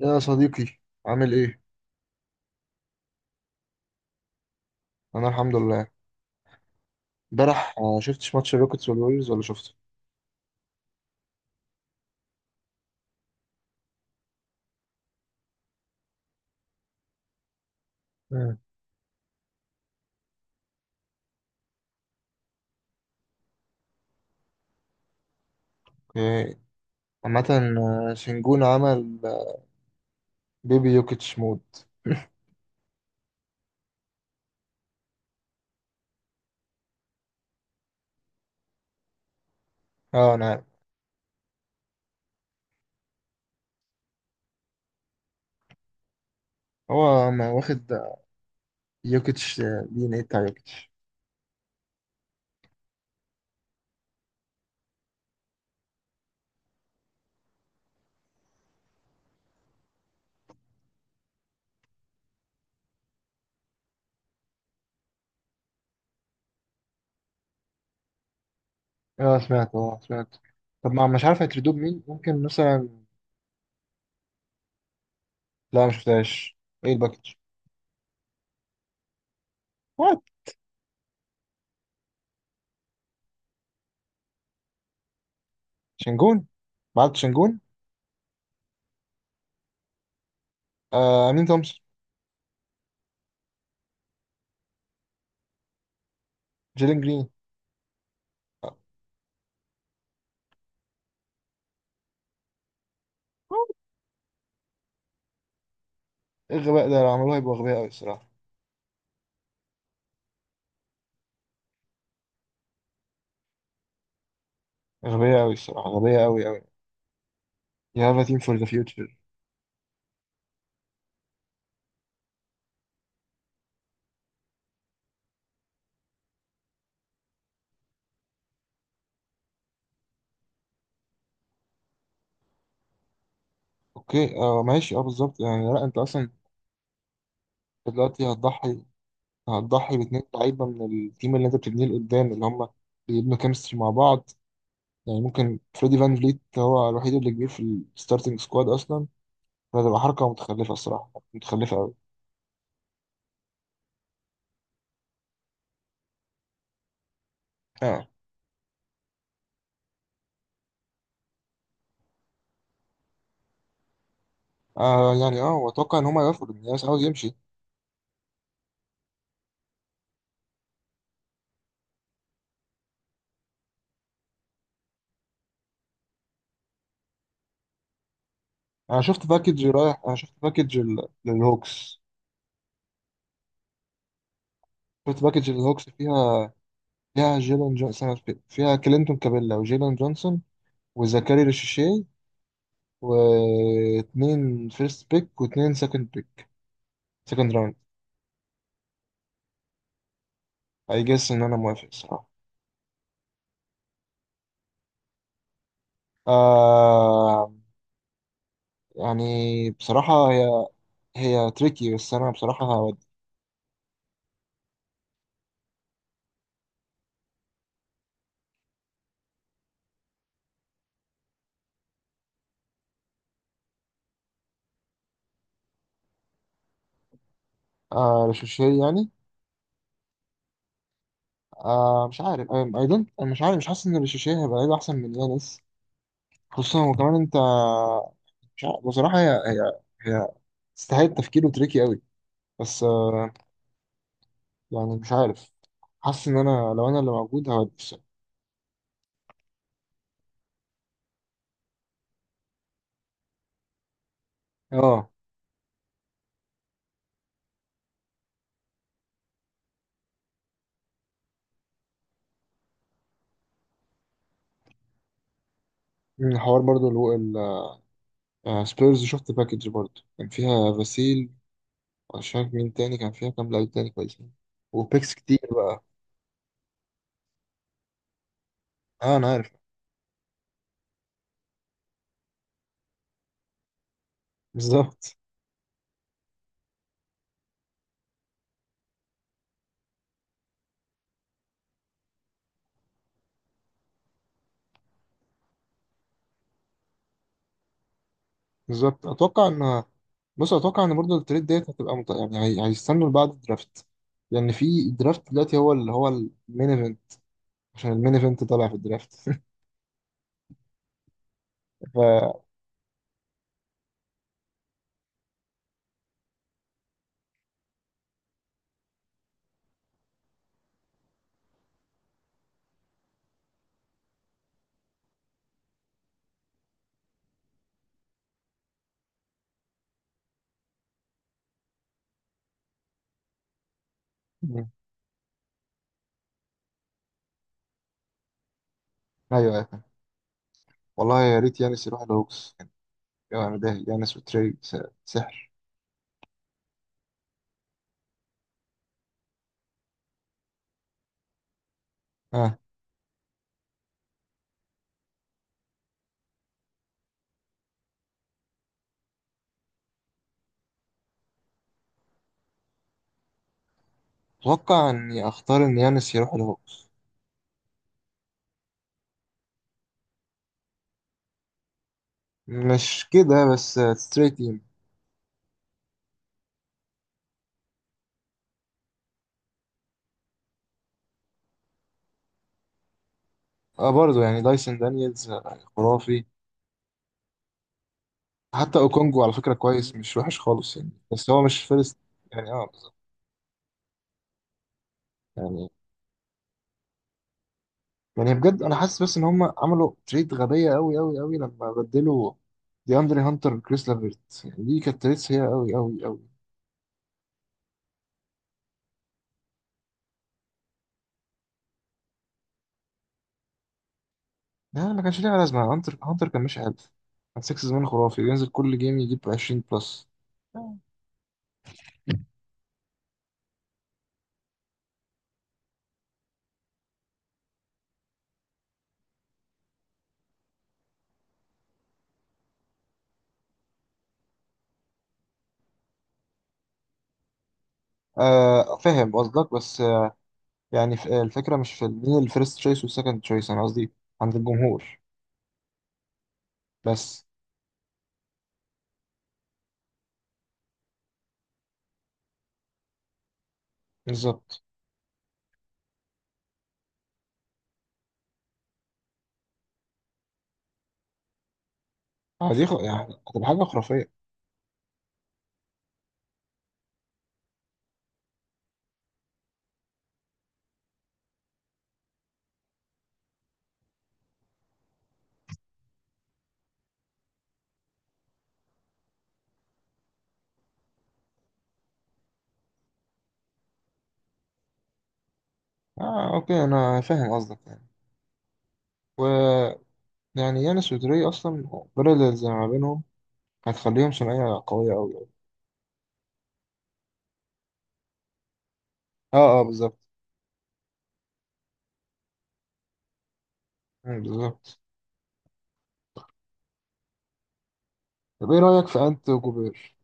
يا صديقي، عامل ايه؟ انا الحمد لله. امبارح شفتش ماتش الروكيتس والوريوز ولا شفته؟ مم. إيه، عامة. شنجون عمل بيبي يوكيتش مود. اه، انا عارف. هو ما واخد يوكيتش. دي ان ايه بتاع يوكيتش. اه سمعت. طب ما مش عارف هيتردوه بمين، ممكن مثلا. لا، مش شفتهاش. ايه الباكج؟ وات. شنجون، بعد شنجون. امين تومسون. جيلين جرين. آه، ايه الغباء ده؟ لو عملوه هيبقوا غبية قوي الصراحة. غبية قوي الصراحة، غبية قوي قوي. يا تيم فور ذا فيوتشر. اوكي، ماشي، اه بالظبط، يعني لا انت اصلا دلوقتي هتضحي باتنين لعيبه من التيم اللي انت بتبنيه لقدام، اللي هم بيبنوا كيمستري مع بعض. يعني ممكن فريدي فان فليت هو الوحيد اللي كبير في الستارتنج سكواد اصلا. فهتبقى حركه متخلفه الصراحه، متخلفه قوي. اه يعني، اه واتوقع ان هم يوافقوا لان الناس عاوز يمشي. انا شفت باكج رايح، انا شفت باكج ال- للهوكس. شفت باكج للهوكس، فيها. فيها جيلان جونسون، فيها كلينتون كابيلا وجيلان جونسون وزكاري ريشيشي واتنين فيرست بيك واتنين سكند بيك، سكند راوند. اي جس ان انا موافق الصراحة. آه. يعني بصراحة، هي تريكي، بس انا بصراحة هودي. آه، رشاشية يعني. آه، مش عارف، اي دونت، انا مش عارف, مش حاسس ان رشاشية هيبقى لعيب احسن من يانس. خصوصا وكمان انت مش عارف. بصراحة هي تستاهل تفكير، وتريكي قوي. بس آه، يعني مش عارف. حاسس ان انا لو انا اللي موجود هودي الصراحة. اه، الحوار برضو. سبيرز، شفت باكج برضه كان فيها فاسيل، مش عارف مين تاني كان فيها، كام لعيب تاني كويسين. وبيكس كتير بقى. اه انا عارف. بالظبط. بالظبط، اتوقع ان، بص اتوقع ان برضه التريد ديت هتبقى هيستنوا لبعد الدرافت. لان في الدرافت دلوقتي هو اللي هو المين ايفنت، عشان المين ايفنت طالع في الدرافت ف مم. ايوه، ايوه. والله يا ريت يانس يروح الهوكس. يعني انا ده يانس وتري سحر. اه، اتوقع اني اختار ان يانس يروح الهوكس. مش كده بس، ستريت. اه برضه، يعني دايسون دانييلز خرافي. حتى اوكونجو على فكره كويس، مش وحش خالص يعني، بس هو مش فيرست. يعني اه، بالظبط. يعني يعني بجد انا حاسس بس ان هم عملوا تريد غبيه قوي قوي قوي، لما بدلوا دي اندري هانتر بكريس لافيرت. يعني دي كانت تريد سيئه قوي قوي قوي. لا، ما كانش ليها لازمه. هانتر، هانتر كان ماشي حلو. كان 6 زمان خرافي، بينزل كل جيم يجيب 20 بلس. فاهم قصدك، بس آه يعني، الفكره مش في مين الفيرست تشويس والسكند تشويس. انا قصدي عند الجمهور بس. بالظبط. يعني هتبقى حاجة خرافية. اه اوكي، انا فاهم قصدك يعني. ويعني يانس ودري اصلا، بارلز اللي ما بينهم هتخليهم ثنائية قوية اوي أوي. اه اه، بالظبط. مم، بالظبط. طب ايه رأيك في انت وجوبير؟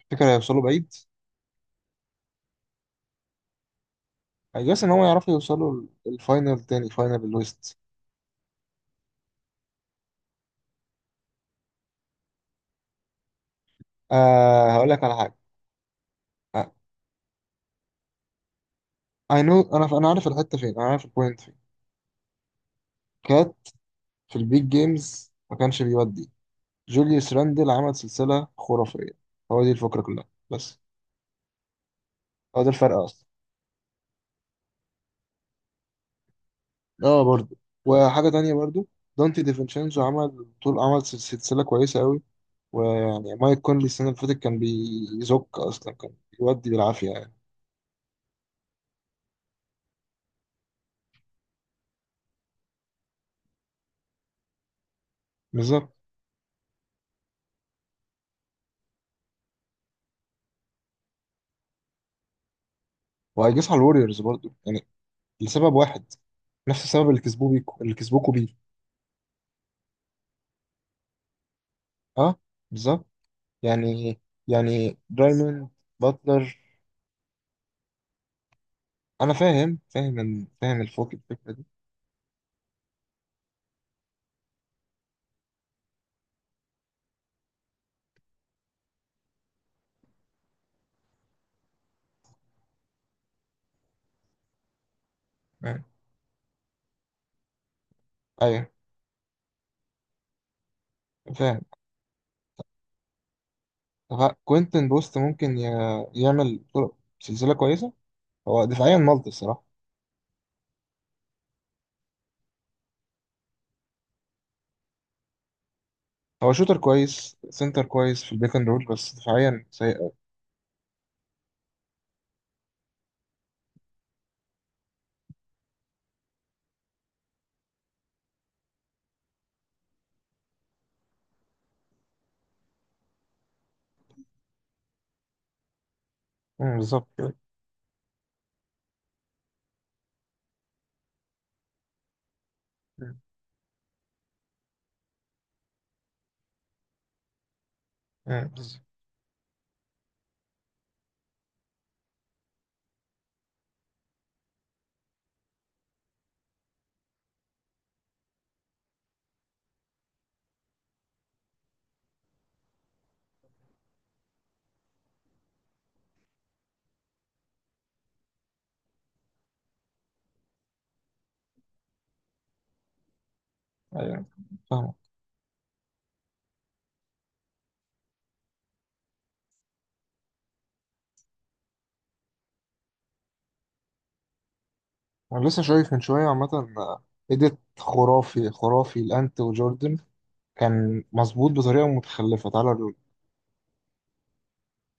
تفتكر هيوصلوا بعيد؟ I guess ان هو يعرفوا يوصلوا الفاينل، تاني فاينل الويست. آه، هقول لك على حاجة. آه، I know، انا عارف الحتة فين، انا عارف البوينت فين. كات في البيج جيمز ما كانش بيودي. جوليوس راندل عمل سلسلة خرافية. هو دي الفكرة كلها بس. هو ده الفرق اصلا. اه برضه. وحاجه تانية برضو، دانتي ديفينشينزو عمل طول عمل سل- سلسله كويسه قوي. ويعني مايك كونلي السنه اللي فاتت كان بيزك اصلا، كان بيودي بالعافيه يعني. بالظبط. وهيجيس على الوريورز برضو يعني، لسبب واحد: نفس السبب اللي كسبوه بيكو، اللي كسبوكوا بيه. اه بالظبط. يعني يعني دايموند باتلر. انا فاهم، فاهم الفوق الفكره دي. آه. ايوه، فاهم. طب، كوينتن بوست ممكن سلسله كويسه. هو دفاعيا مالتي الصراحة. هو شوتر كويس، سنتر كويس في البيك اند رول، بس دفاعيا سيء أوي. أمم، بالظبط كده. أمم. أمم، بالظبط. أيوه، فاهمة. أنا لسه شايف من شوية عامة إيديت خرافي خرافي لأنت وجوردن، كان مظبوط بطريقة متخلفة، تعالى.